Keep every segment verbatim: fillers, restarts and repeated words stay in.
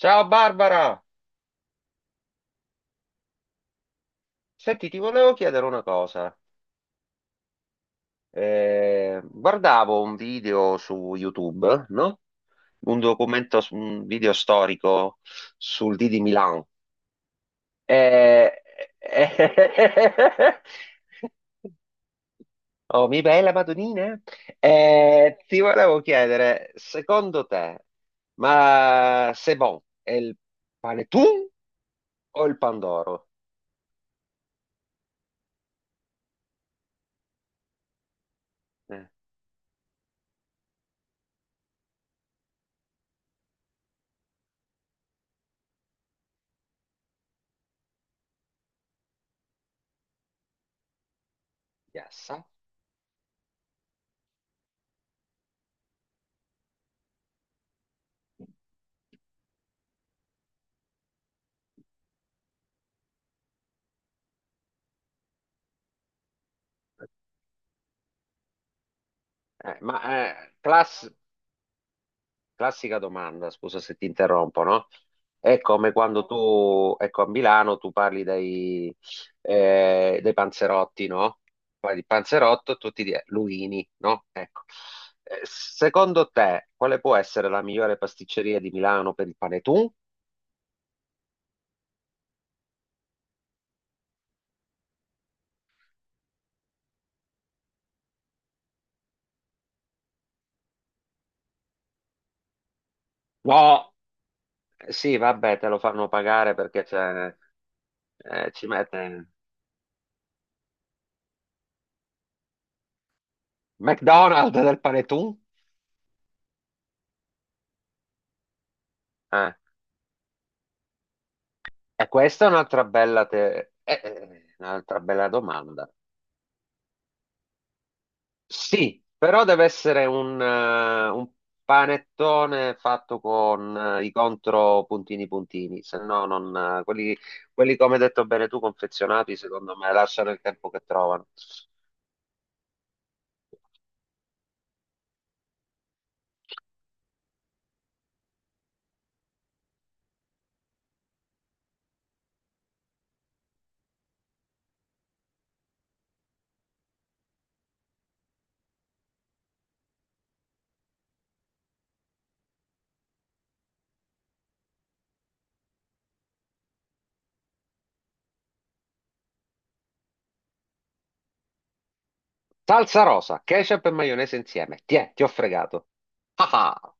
Ciao Barbara, senti, ti volevo chiedere una cosa. Eh, guardavo un video su YouTube, no? Un documento, su- un video storico sul D di Milano. Eh, eh, Oh, mi bella Madonnina. Eh, ti volevo chiedere, secondo te, ma c'est bon, è il panettone o il pandoro? Eh, yes. Eh, ma eh, class- Classica domanda, scusa se ti interrompo, no? È come quando tu, ecco, a Milano tu parli dei, eh, dei panzerotti, no? Parli di panzerotto e tutti di eh, Luini, no? Ecco. Eh, Secondo te, quale può essere la migliore pasticceria di Milano per il panetun? No. Eh, sì, vabbè, te lo fanno pagare perché c'è, eh, ci mette McDonald's del panetun? Eh, E questa è un'altra bella, te- eh, eh, un'altra bella domanda. Sì, però deve essere un, eh, un panettone fatto con eh, i contro puntini puntini, se no non, eh, quelli, quelli come hai detto bene tu, confezionati, secondo me lasciano il tempo che trovano. Salsa rosa, ketchup e maionese insieme. Tiè, ti ho fregato. Ah, ah.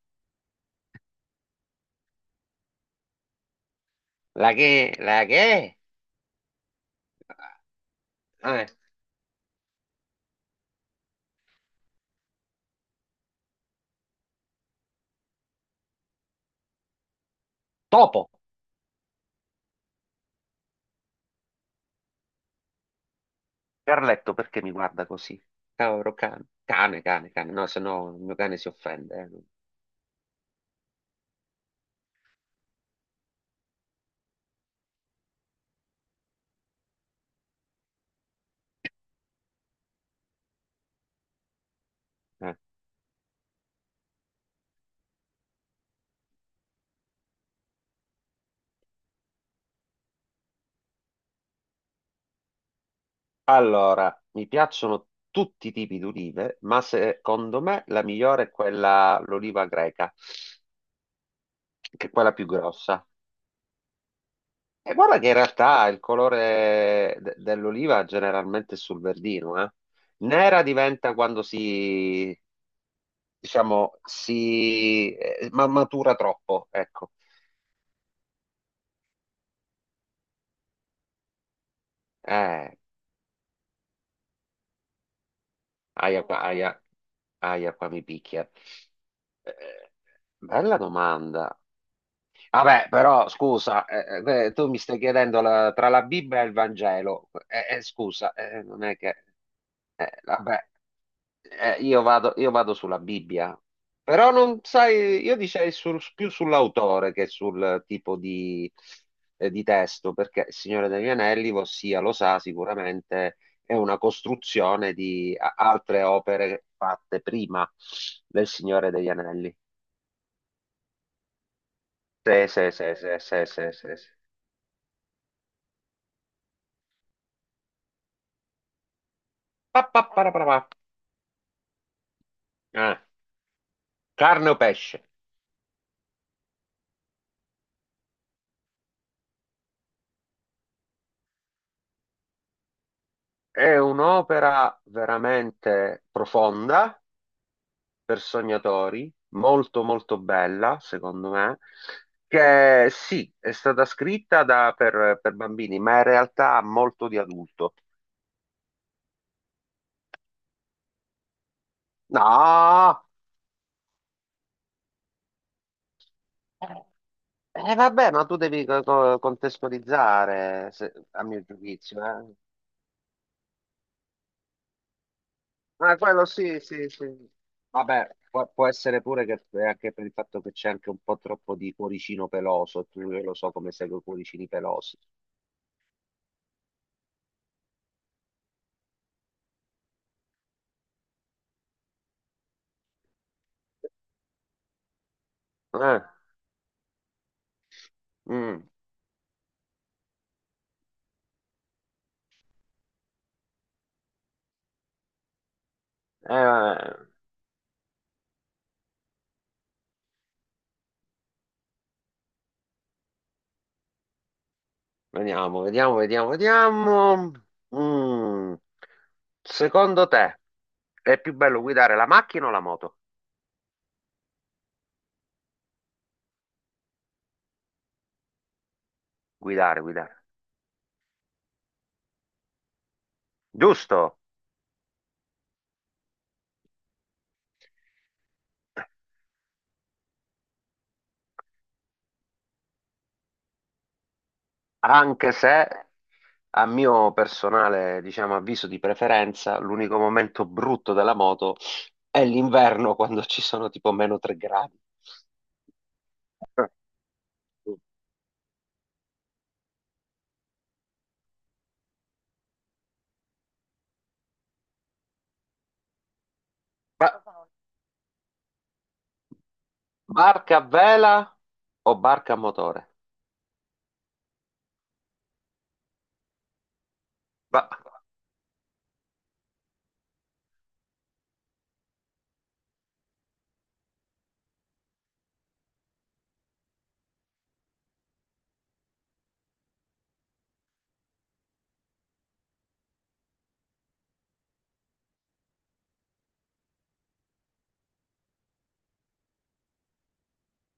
La che, la che? Eh, Topo, Carletto, perché mi guarda così? Cavolo, cane, cane, cane, cane. No, se no il mio cane si offende. Eh. Eh. Allora, mi piacciono tutti i tipi di olive, ma secondo me la migliore è quella, l'oliva greca, che è quella più grossa. E guarda che in realtà il colore de- dell'oliva generalmente è sul verdino, eh. Nera diventa quando si, diciamo, si eh, ma- matura troppo, ecco. Eh, Aia qua, aia, aia qua mi picchia. Eh, Bella domanda. Vabbè, però scusa, eh, eh, eh, tu mi stai chiedendo la- tra la Bibbia e il Vangelo. Eh, eh, scusa, eh, non è che... eh, Vabbè, eh, io vado, io vado sulla Bibbia. Però non sai, io dicevo sul- più sull'autore che sul tipo di, eh, di testo, perché Il Signore degli Anelli, ossia, lo sa sicuramente, è una costruzione di a- altre opere fatte prima del Signore degli Anelli. Sì, sì, sì, sì, sì, sì, sì, sì. Pa, pa, para, para, pa. Eh, Carne o pesce? È un'opera veramente profonda per sognatori, molto molto bella, secondo me, che sì, è stata scritta da- per, per bambini, ma in realtà ha molto di adulto. No! Eh, vabbè, ma tu devi co- co- contestualizzare, se- a mio giudizio, eh. Ma quello sì, sì, sì. Vabbè, può, può essere pure che è anche per il fatto che c'è anche un po' troppo di cuoricino peloso, e tu io lo so come seguo i cuoricini pelosi. Eh, mm, eh, Vediamo, vediamo, vediamo, vediamo. Mm. Secondo te è più bello guidare la macchina o la moto? Guidare, guidare. Giusto? Anche se, a mio personale, diciamo, avviso di preferenza, l'unico momento brutto della moto è l'inverno quando ci sono tipo meno tre gradi. Ba- Barca a vela o barca a motore? Ba-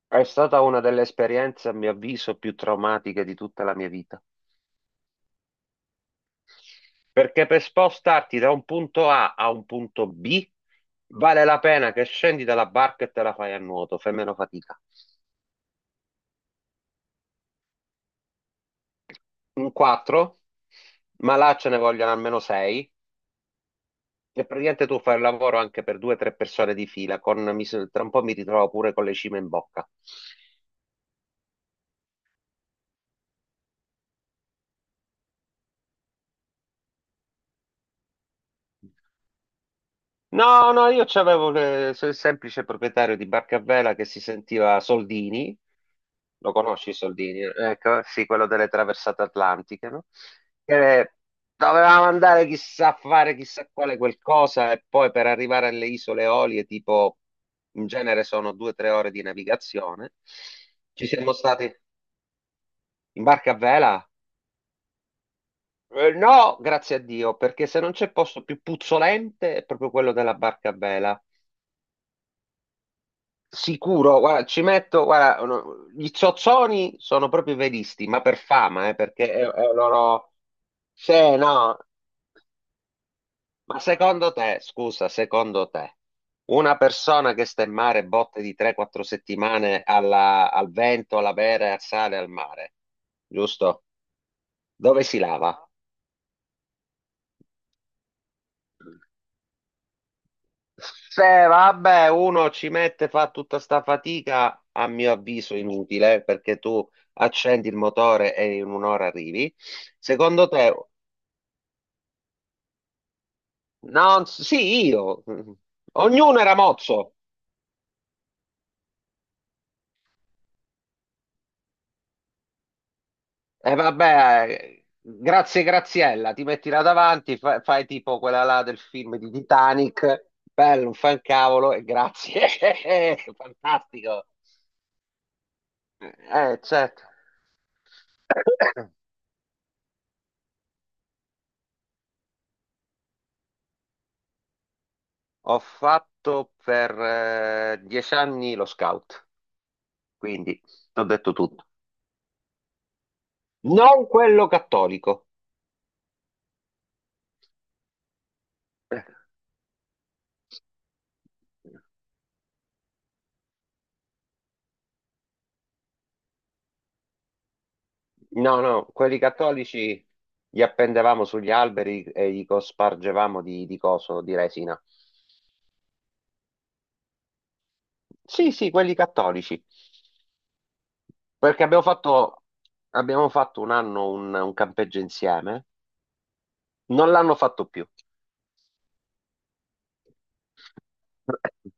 è stata una delle esperienze, a mio avviso, più traumatiche di tutta la mia vita. Perché per spostarti da un punto A a un punto B vale la pena che scendi dalla barca e te la fai a nuoto, fai meno fatica. Un quattro? Ma là ce ne vogliono almeno sei. E praticamente tu fai il lavoro anche per due o tre persone di fila, con, mi s- tra un po' mi ritrovo pure con le cime in bocca. No, no, io c'avevo le- so- il semplice proprietario di barca a vela che si sentiva Soldini, lo conosci Soldini? Ecco, sì, quello delle traversate atlantiche, no? Che doveva mandare chissà a fare chissà quale qualcosa e poi per arrivare alle isole Eolie, tipo, in genere sono due o tre ore di navigazione. Ci siamo stati. In barca a vela? Eh, no, grazie a Dio, perché se non c'è posto più puzzolente è proprio quello della barca a vela. Sicuro, guarda, ci metto, guarda, no, gli zozzoni sono proprio i velisti, ma per fama, eh, perché è, è loro... Sì, no, ma secondo te, scusa, secondo te, una persona che sta in mare botte di tre quattro settimane alla- al vento, alla vera e al sale, al mare, giusto? Dove si lava? Se Vabbè, uno ci mette, fa tutta sta fatica, a mio avviso inutile, perché tu accendi il motore e in un'ora arrivi. Secondo te, no, sì, io, ognuno era mozzo. E vabbè, eh, grazie Graziella, ti metti là davanti, fa- fai tipo quella là del film di Titanic, bello, non fa un cavolo e grazie, fantastico. Eh, certo. Ho fatto per eh, dieci anni lo scout, quindi ho detto tutto. Non quello cattolico. No, no, quelli cattolici li appendevamo sugli alberi e li cospargevamo di, di coso, di resina. Sì, sì, quelli cattolici. Perché abbiamo fatto, abbiamo fatto un anno un, un campeggio insieme. Non l'hanno fatto più.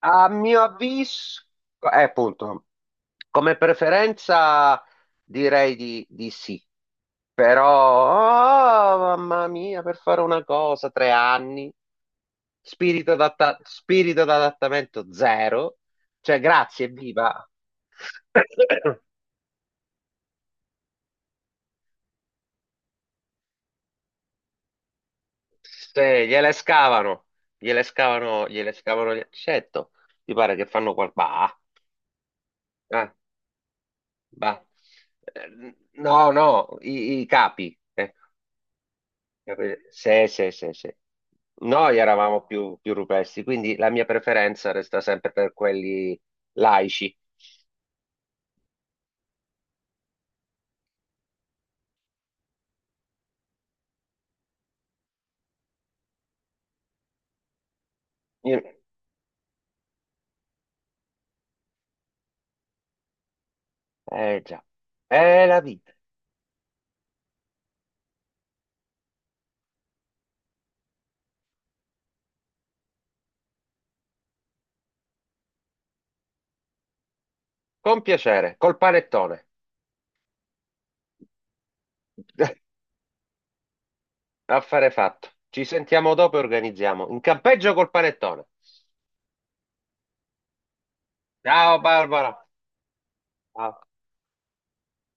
A mio avviso, eh, appunto, come preferenza direi di, di sì, però, oh, mamma mia, per fare una cosa, tre anni, spirito d'adatta- spirito d'adattamento zero, cioè grazie, viva. Se gliele scavano, gliele scavano, gliele scavano, gli- certo, ti pare che fanno qual... Bah, eh, bah. Eh, No, no, i, i capi. Eh. Capito? Sì, sì, sì, sì. Noi eravamo più, più rupesti, quindi la mia preferenza resta sempre per quelli laici. Io- Eh già, è la vita. Con piacere, col panettone. Affare fatto. Ci sentiamo dopo e organizziamo. In campeggio col panettone. Ciao Barbara. Ciao.